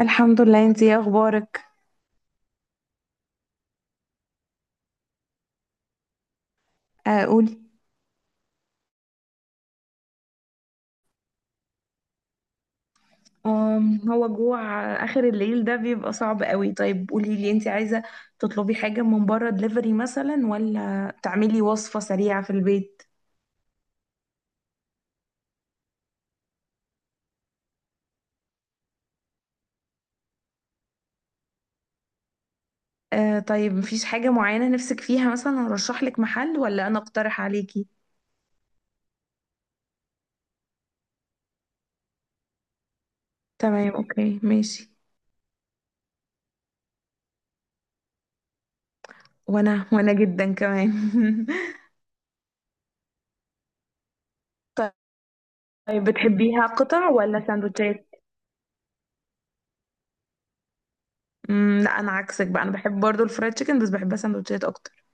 الحمد لله. انتي ايه اخبارك؟ آه، قولي. هو جوع آخر الليل ده بيبقى صعب قوي. طيب قولي لي، انت عايزة تطلبي حاجة من بره دليفري مثلا، ولا تعملي وصفة سريعة في البيت؟ آه طيب، مفيش حاجة معينة نفسك فيها؟ مثلا ارشح لك محل، ولا انا اقترح عليكي؟ تمام، اوكي، ماشي. وانا جدا كمان. طيب بتحبيها قطع ولا سندوتشات؟ لا انا عكسك بقى، انا بحب برضو الفرايد تشيكن بس بحبها سندوتشات اكتر.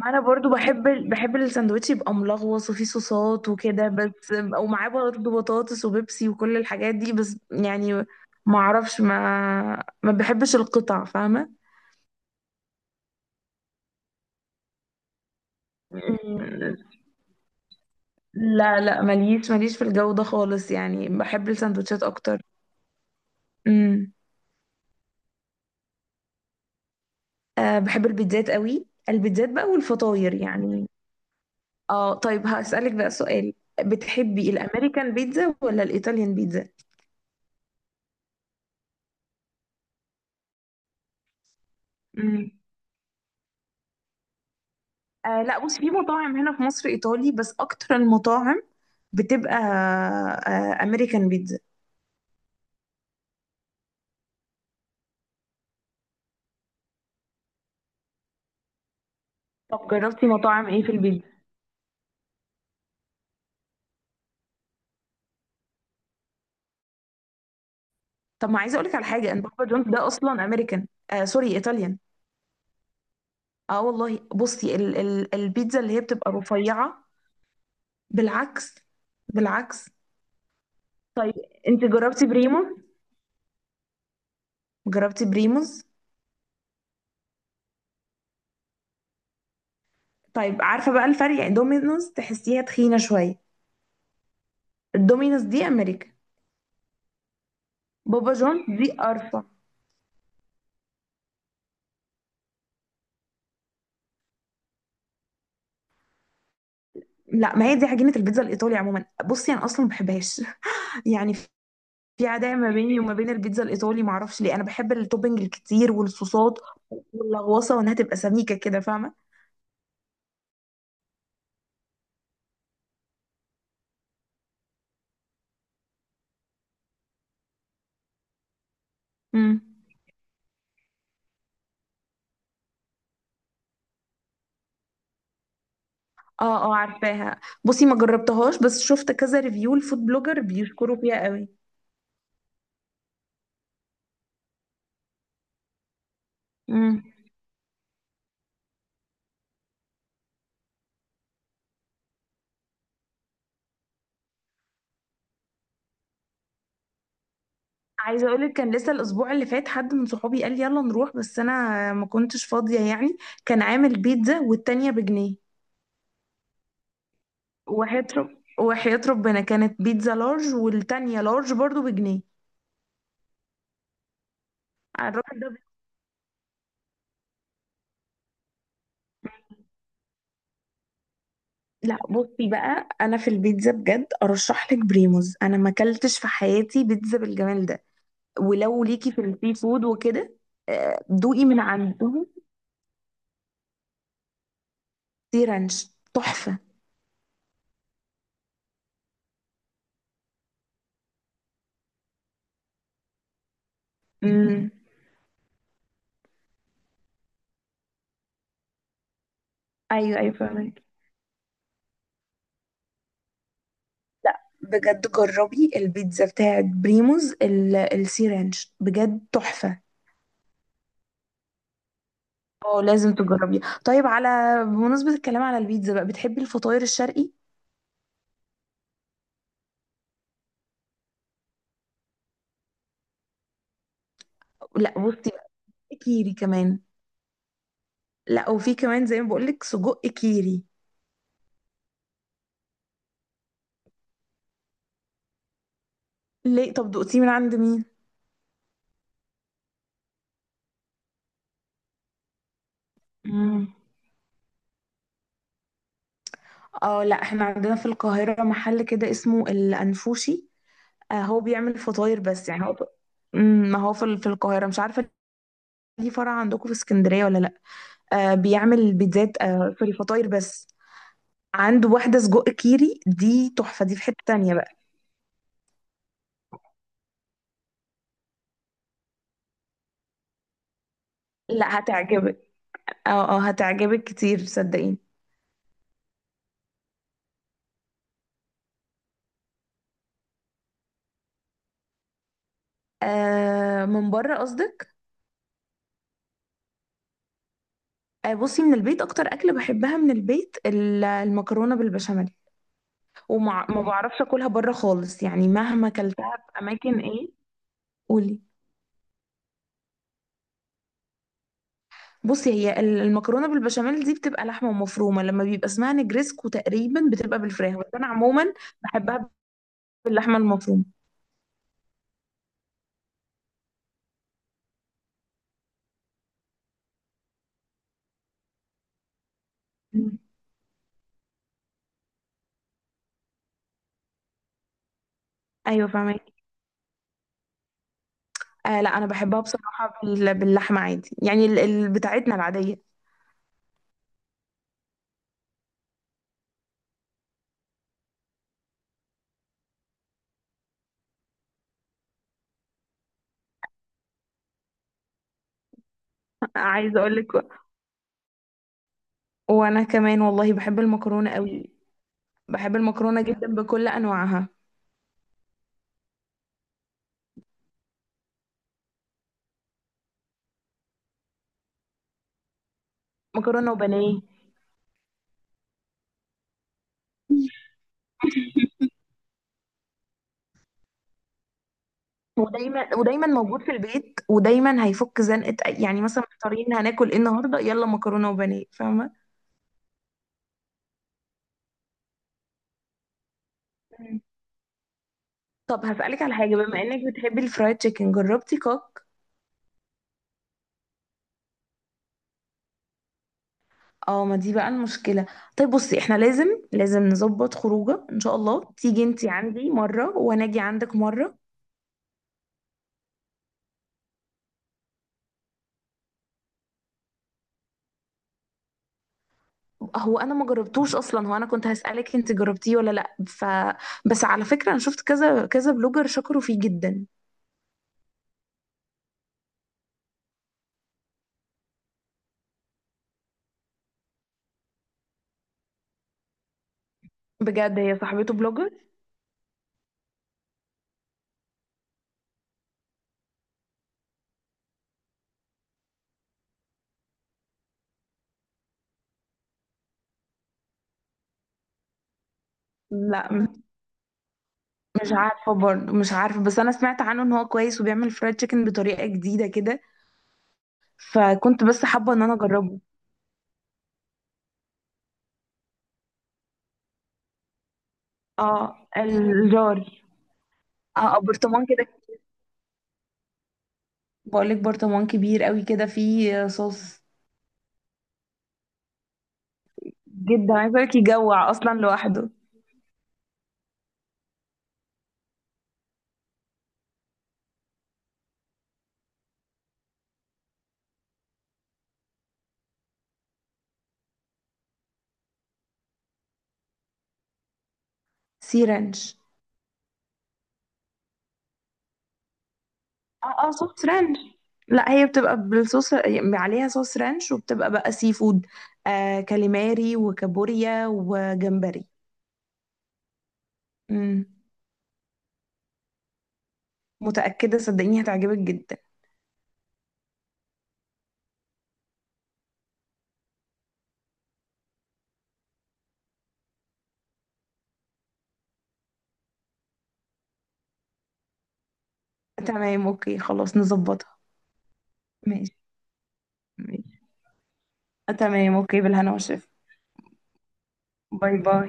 ما انا برضو بحب الساندوتش يبقى ملغوص وفيه صوصات وكده، بس ومعاه برضو بطاطس وبيبسي وكل الحاجات دي، بس يعني ما اعرفش، ما بحبش القطع، فاهمه؟ أمم، لا لا، ماليش ماليش في الجو ده خالص، يعني بحب الساندوتشات اكتر. امم. أه، بحب البيتزات قوي، البيتزات بقى والفطاير يعني. اه طيب، هسألك بقى سؤال: بتحبي الامريكان بيتزا ولا الايطاليان بيتزا؟ آه لا، بص، في مطاعم هنا في مصر ايطالي، بس اكتر المطاعم بتبقى آه امريكان بيتزا. طب جربتي مطاعم ايه في البيتزا؟ طب، ما عايزه اقول لك على حاجه، ان بابا جونز ده اصلا امريكان، آه سوري، ايطاليان. اه والله، بصي، ال ال البيتزا اللي هي بتبقى رفيعه. بالعكس، بالعكس. طيب انت جربتي بريموز؟ جربتي بريموز؟ طيب عارفه بقى الفرق، يعني دومينوز تحسيها تخينه شويه. الدومينوز دي امريكا. بابا جونز دي ارفع. لا ما هي دي عجينة البيتزا الإيطالي عموما، بصي أنا أصلا ما بحبهاش. يعني في عداء ما بيني وما بين البيتزا الإيطالي، ما أعرفش ليه، أنا بحب التوبينج الكتير والصوصات واللغوصة وإنها تبقى سميكة كده، فاهمة؟ امم. اه اه عارفاها، بصي ما جربتهاش بس شفت كذا ريفيو الفود بلوجر بيشكروا فيها قوي. امم. عايزة أقولك، كان لسه الأسبوع اللي فات حد من صحابي قال لي يلا نروح، بس أنا ما كنتش فاضية يعني. كان عامل بيتزا والتانية بجنيه، وهيطلب، وحياة ربنا كانت بيتزا لارج والتانية لارج برضو بجنيه. أنا الراجل ده ب-. لا بصي بقى، انا في البيتزا بجد ارشح لك بريموز، انا ما اكلتش في حياتي بيتزا بالجمال ده. ولو ليكي في السي فود وكده، آه، دوقي من عندهم سي رانش، تحفة. امم. ايوه ايوه فاهمك. بجد جربي البيتزا بتاعت بريموز السي رانش، بجد تحفة. اه لازم تجربيها. طيب بمناسبة الكلام على البيتزا بقى، بتحبي الفطاير الشرقي؟ لا بصي بقى، كيري كمان. لا وفي كمان زي ما بقولك، سجق كيري. ليه؟ طب دقتيه من عند مين؟ مم. اه لا، احنا عندنا في القاهرة محل كده اسمه الأنفوشي. آه هو بيعمل فطاير بس يعني هو. امم، ما هو في في القاهرة، مش عارفة ليه فرع عندكم في اسكندرية ولا لا. آه بيعمل بيتزات، آه في الفطاير بس. عنده واحدة سجق كيري دي تحفة، دي في حتة تانية بقى. لا هتعجبك، اه اه هتعجبك كتير صدقيني. آه من بره قصدك. آه، بصي من البيت اكتر اكل بحبها من البيت المكرونه بالبشاميل. وما ما بعرفش اكلها بره خالص يعني، مهما اكلتها في اماكن ايه. قولي. بصي هي المكرونه بالبشاميل دي بتبقى لحمه مفرومه، لما بيبقى اسمها نجريسكو تقريبا بتبقى بالفراخ، بس انا عموما بحبها باللحمه المفرومه. مم. ايوه فاهمك. آه لا انا بحبها بصراحه باللحمه عادي يعني، بتاعتنا العاديه. عايزه اقول لك، وانا كمان والله بحب المكرونه قوي، بحب المكرونه جدا بكل انواعها. مكرونه وبانيه، ودايما موجود في البيت، ودايما هيفك زنقه، يعني مثلا محتارين هناكل ايه النهارده، يلا مكرونه وبانيه، فاهمه؟ مم. طب هسألك على حاجة، بما انك بتحبي الفرايد تشيكن، جربتي كوك؟ اه ما دي بقى المشكلة. طيب بصي، احنا لازم نظبط خروجه، ان شاء الله تيجي انتي عندي مرة وانا اجي عندك مرة. هو انا ما جربتوش اصلا، هو انا كنت هسألك انت جربتيه ولا لا، بس على فكرة انا شفت كذا كذا بلوجر شكروا فيه جدا. بجد هي صاحبته بلوجر. لا مش عارفة برضه، مش عارفة، بس أنا سمعت عنه إن هو كويس وبيعمل فرايد تشيكن بطريقة جديدة كده، فكنت بس حابة إن أنا أجربه. اه الجار. اه برطمان كده، بقولك برطمان كبير قوي كده فيه صوص، جدا عايزة أقولك يجوع أصلا لوحده. سي رانش. اه اه صوص رانش، لا هي بتبقى بالصوص يعني، عليها صوص رانش وبتبقى بقى سي فود، آه كاليماري وكابوريا وجمبري. مم. متأكدة، صدقيني هتعجبك جدا. تمام، اوكي، خلاص، نظبطها. ماشي، ماشي. تمام، اوكي، بالهنا والشفا. باي باي.